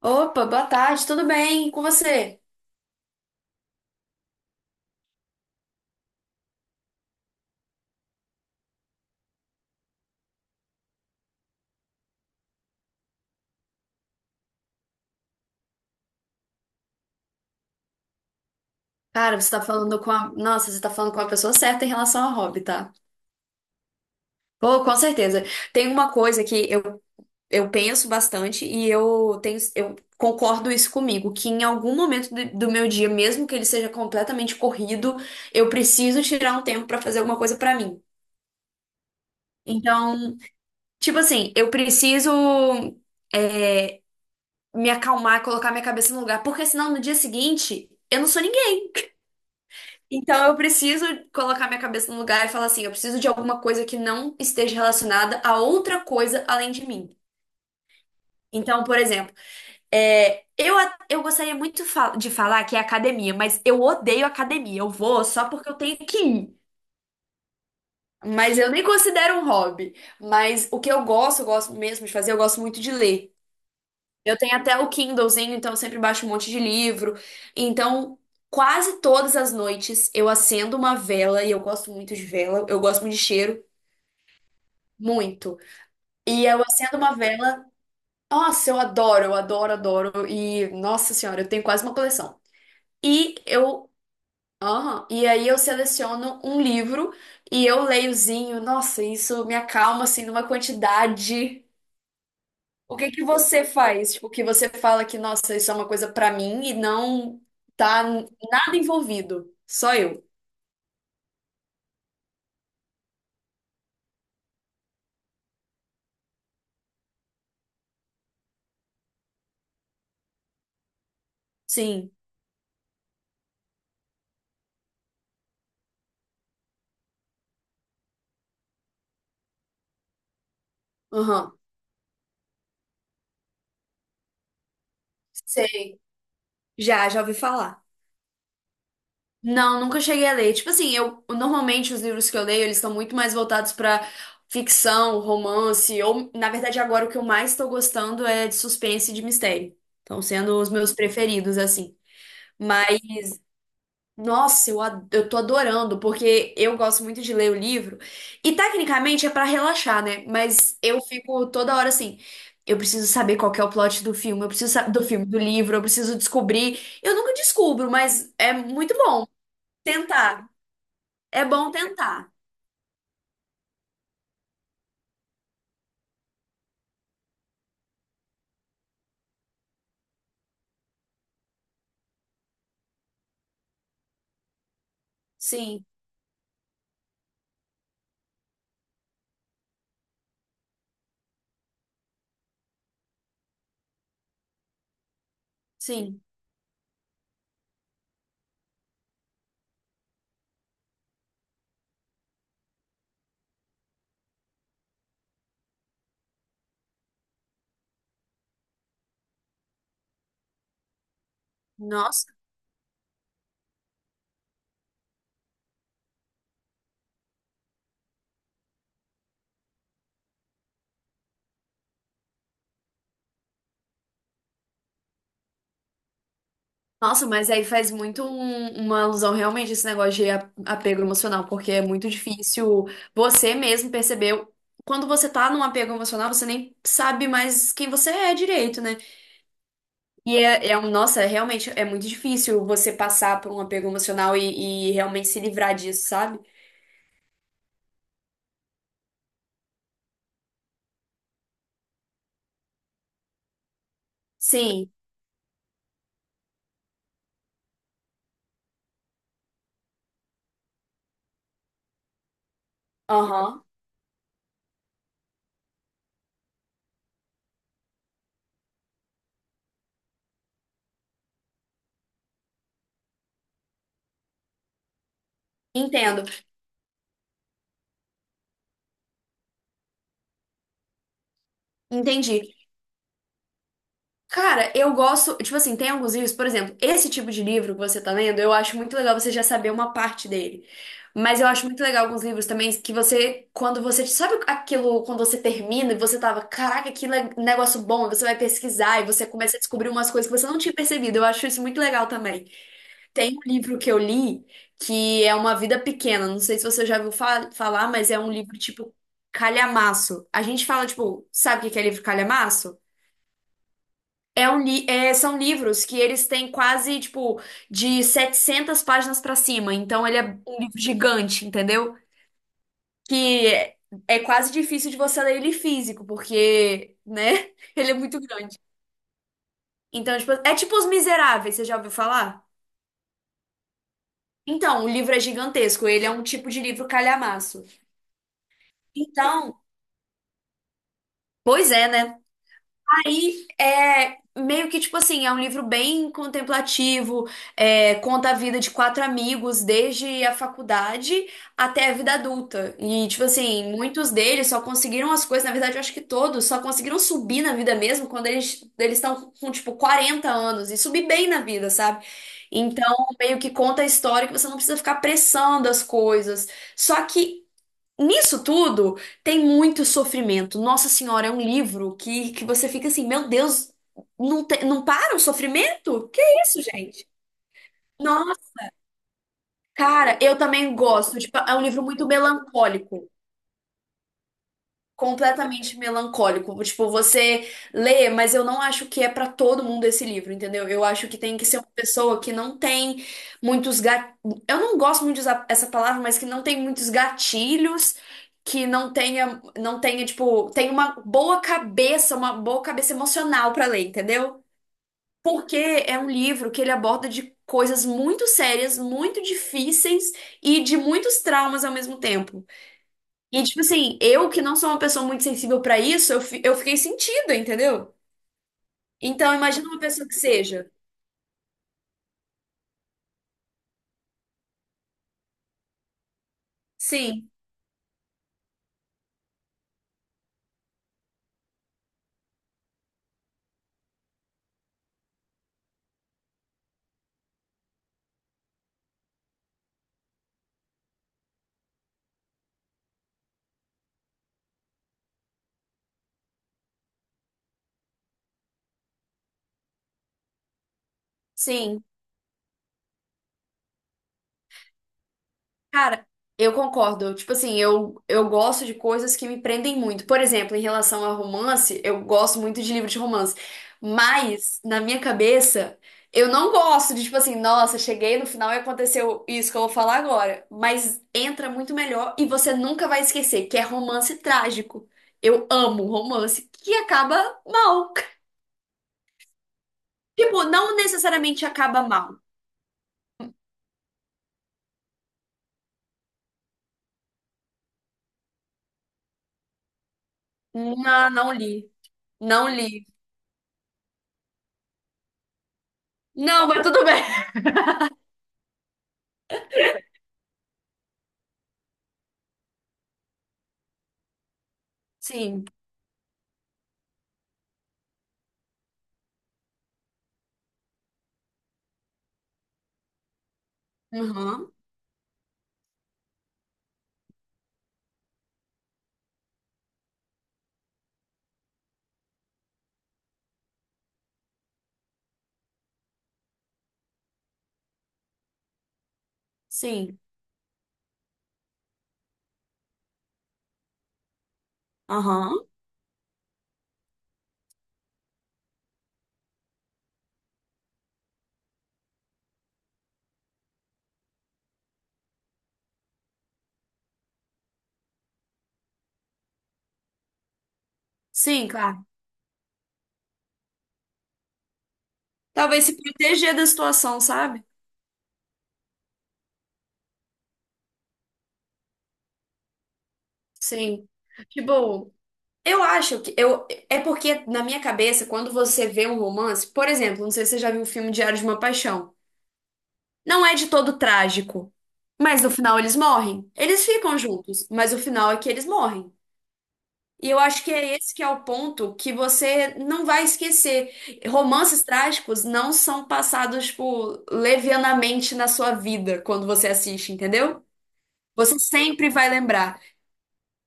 Opa, boa tarde, tudo bem? E com você? Cara, você tá falando com a... Nossa, você tá falando com a pessoa certa em relação ao hobby, tá? Pô, com certeza. Tem uma coisa que eu penso bastante e eu concordo isso comigo, que em algum momento do meu dia, mesmo que ele seja completamente corrido, eu preciso tirar um tempo pra fazer alguma coisa pra mim. Então, tipo assim, eu preciso é, me acalmar, colocar minha cabeça no lugar, porque senão no dia seguinte eu não sou ninguém. Então eu preciso colocar minha cabeça no lugar e falar assim, eu preciso de alguma coisa que não esteja relacionada a outra coisa além de mim. Então, por exemplo, eu gostaria muito de falar que é academia, mas eu odeio academia. Eu vou só porque eu tenho que ir. Mas eu nem considero um hobby. Mas o que eu gosto mesmo de fazer, eu gosto muito de ler. Eu tenho até o Kindlezinho, então eu sempre baixo um monte de livro. Então, quase todas as noites eu acendo uma vela e eu gosto muito de vela, eu gosto muito de cheiro. Muito. E eu acendo uma vela. Nossa, eu adoro, adoro. E, nossa senhora, eu tenho quase uma coleção. E eu. Aham. E aí eu seleciono um livro e eu leiozinho. Nossa, isso me acalma, assim, numa quantidade. O que que você faz? Tipo, que você fala que, nossa, isso é uma coisa pra mim e não tá nada envolvido. Só eu. Sim. Aham. Sei. Já, já ouvi falar. Não, nunca cheguei a ler. Tipo assim, eu normalmente os livros que eu leio, eles estão muito mais voltados pra ficção, romance, ou na verdade agora o que eu mais tô gostando é de suspense e de mistério. Estão sendo os meus preferidos assim. Mas nossa, eu tô adorando, porque eu gosto muito de ler o livro. E tecnicamente é pra relaxar, né? Mas eu fico toda hora assim, eu preciso saber qual que é o plot do filme, eu preciso saber do filme, do livro, eu preciso descobrir. Eu nunca descubro, mas é muito bom tentar. É bom tentar. Sim, sim. Nossa, nossa, mas aí faz muito uma alusão realmente a esse negócio de apego emocional, porque é muito difícil você mesmo perceber. Quando você tá num apego emocional, você nem sabe mais quem você é direito, né? É um, nossa, é realmente é muito difícil você passar por um apego emocional e realmente se livrar disso, sabe? Sim, aham, entendo. Entendi. Cara, eu gosto, tipo assim, tem alguns livros, por exemplo, esse tipo de livro que você tá lendo, eu acho muito legal você já saber uma parte dele. Mas eu acho muito legal alguns livros também que você, quando você, sabe aquilo, quando você termina e você tava, caraca, que negócio bom, e você vai pesquisar e você começa a descobrir umas coisas que você não tinha percebido. Eu acho isso muito legal também. Tem um livro que eu li que é Uma Vida Pequena, não sei se você já ouviu falar, mas é um livro tipo calhamaço. A gente fala, tipo, sabe o que que é livro calhamaço? São livros que eles têm quase, tipo, de 700 páginas pra cima. Então, ele é um livro gigante, entendeu? Que é, é quase difícil de você ler ele físico, porque, né? Ele é muito grande. Então, tipo, é tipo Os Miseráveis, você já ouviu falar? Então, o livro é gigantesco. Ele é um tipo de livro calhamaço. Então, pois é, né? Aí é meio que tipo assim, é um livro bem contemplativo, conta a vida de quatro amigos desde a faculdade até a vida adulta. E tipo assim, muitos deles só conseguiram as coisas, na verdade eu acho que todos só conseguiram subir na vida mesmo quando eles estão com tipo 40 anos e subir bem na vida, sabe? Então, meio que conta a história que você não precisa ficar pressando as coisas. Só que nisso tudo tem muito sofrimento. Nossa Senhora, é um livro que você fica assim, meu Deus, não, não para o sofrimento? Que isso, gente? Nossa, cara, eu também gosto. Tipo, é um livro muito melancólico. Completamente melancólico. Tipo, você lê, mas eu não acho que é pra todo mundo esse livro, entendeu? Eu acho que tem que ser uma pessoa que não tem muitos gat... Eu não gosto muito de usar essa palavra, mas que não tem muitos gatilhos, que não tenha, tipo, tem uma boa cabeça emocional pra ler, entendeu? Porque é um livro que ele aborda de coisas muito sérias, muito difíceis e de muitos traumas ao mesmo tempo. E, tipo assim, eu, que não sou uma pessoa muito sensível pra isso, eu fiquei sentida, entendeu? Então, imagina uma pessoa que seja. Sim, sim. Cara, eu concordo. Tipo assim, eu gosto de coisas que me prendem muito. Por exemplo, em relação a romance, eu gosto muito de livro de romance. Mas, na minha cabeça, eu não gosto de, tipo assim, nossa, cheguei no final e aconteceu isso que eu vou falar agora. Mas entra muito melhor e você nunca vai esquecer, que é romance trágico. Eu amo romance que acaba mal. Tipo, não necessariamente acaba mal. Não, não li. Não li. Não, mas tudo bem. Sim. Uhum. Sim. Aham. Sim, claro. Talvez se proteger da situação, sabe? Sim. Tipo, eu acho que eu é porque na minha cabeça, quando você vê um romance, por exemplo, não sei se você já viu o filme Diário de uma Paixão. Não é de todo trágico, mas no final eles morrem. Eles ficam juntos, mas o final é que eles morrem. E eu acho que é esse que é o ponto que você não vai esquecer. Romances trágicos não são passados, tipo, levianamente na sua vida quando você assiste, entendeu? Você sempre vai lembrar.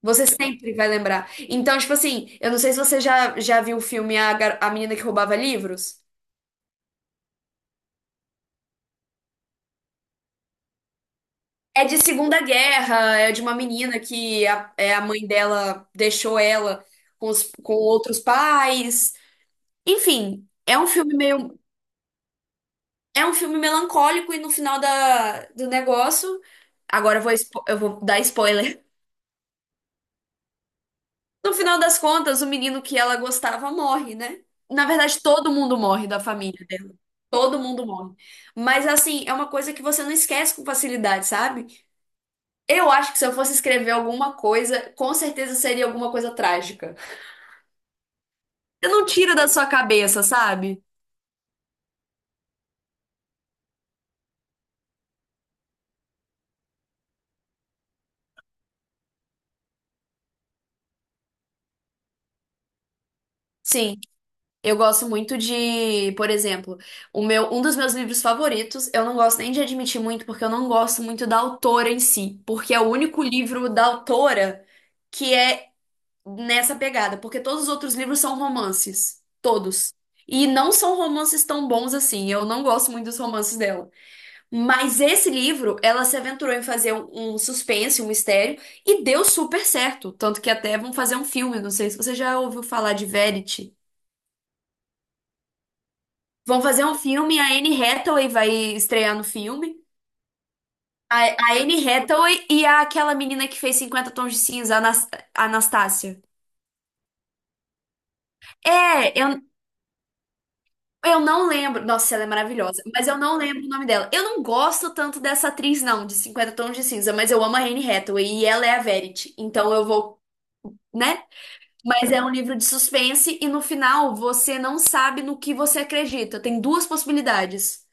Você sempre vai lembrar. Então, tipo assim, eu não sei se você já viu o filme A Menina que Roubava Livros. É de Segunda Guerra, é de uma menina que a mãe dela deixou ela com outros pais. Enfim, é um filme melancólico e no final do negócio, agora eu vou dar spoiler. No final das contas, o menino que ela gostava morre, né? Na verdade, todo mundo morre da família. Todo mundo morre. Mas assim, é uma coisa que você não esquece com facilidade, sabe? Eu acho que se eu fosse escrever alguma coisa, com certeza seria alguma coisa trágica. Você não tira da sua cabeça, sabe? Sim, eu gosto muito de, por exemplo, um dos meus livros favoritos, eu não gosto nem de admitir muito, porque eu não gosto muito da autora em si, porque é o único livro da autora que é nessa pegada, porque todos os outros livros são romances, todos. E não são romances tão bons assim, eu não gosto muito dos romances dela. Mas esse livro, ela se aventurou em fazer um suspense, um mistério, e deu super certo. Tanto que até vão fazer um filme, não sei se você já ouviu falar de Verity. Vão fazer um filme, a Anne Hathaway vai estrear no filme. A Anne Hathaway e aquela menina que fez Cinquenta Tons de Cinza, a Anastácia. É, eu, Eu não lembro. Nossa, ela é maravilhosa. Mas eu não lembro o nome dela. Eu não gosto tanto dessa atriz, não, de Cinquenta Tons de Cinza, mas eu amo a Anne Hathaway e ela é a Verity. Então eu vou, né? Mas é um livro de suspense e no final você não sabe no que você acredita. Tem duas possibilidades.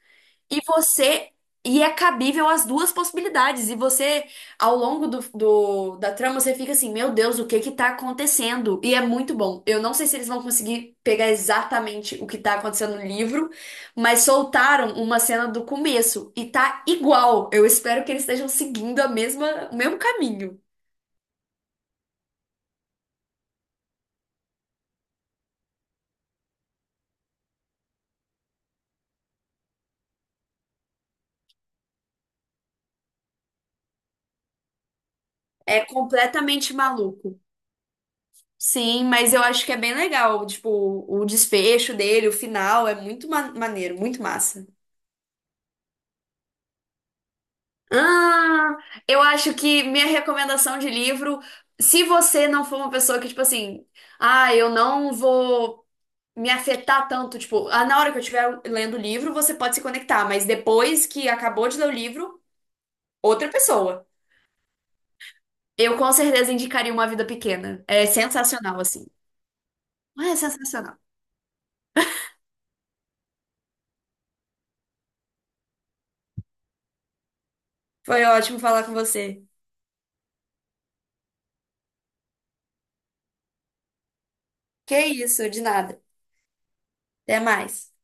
E você. E é cabível as duas possibilidades. E você, ao longo da trama, você fica assim, meu Deus, o que que tá acontecendo? E é muito bom. Eu não sei se eles vão conseguir pegar exatamente o que tá acontecendo no livro, mas soltaram uma cena do começo e tá igual. Eu espero que eles estejam seguindo a mesma, o mesmo caminho. É completamente maluco. Sim, mas eu acho que é bem legal. Tipo, o desfecho dele, o final, é muito maneiro, muito massa. Ah, eu acho que minha recomendação de livro, se você não for uma pessoa que, tipo assim, ah, eu não vou me afetar tanto, tipo, ah, na hora que eu estiver lendo o livro, você pode se conectar, mas depois que acabou de ler o livro, outra pessoa. Eu com certeza indicaria Uma Vida Pequena. É sensacional, assim. É sensacional. Foi ótimo falar com você. Que isso, de nada. Até mais.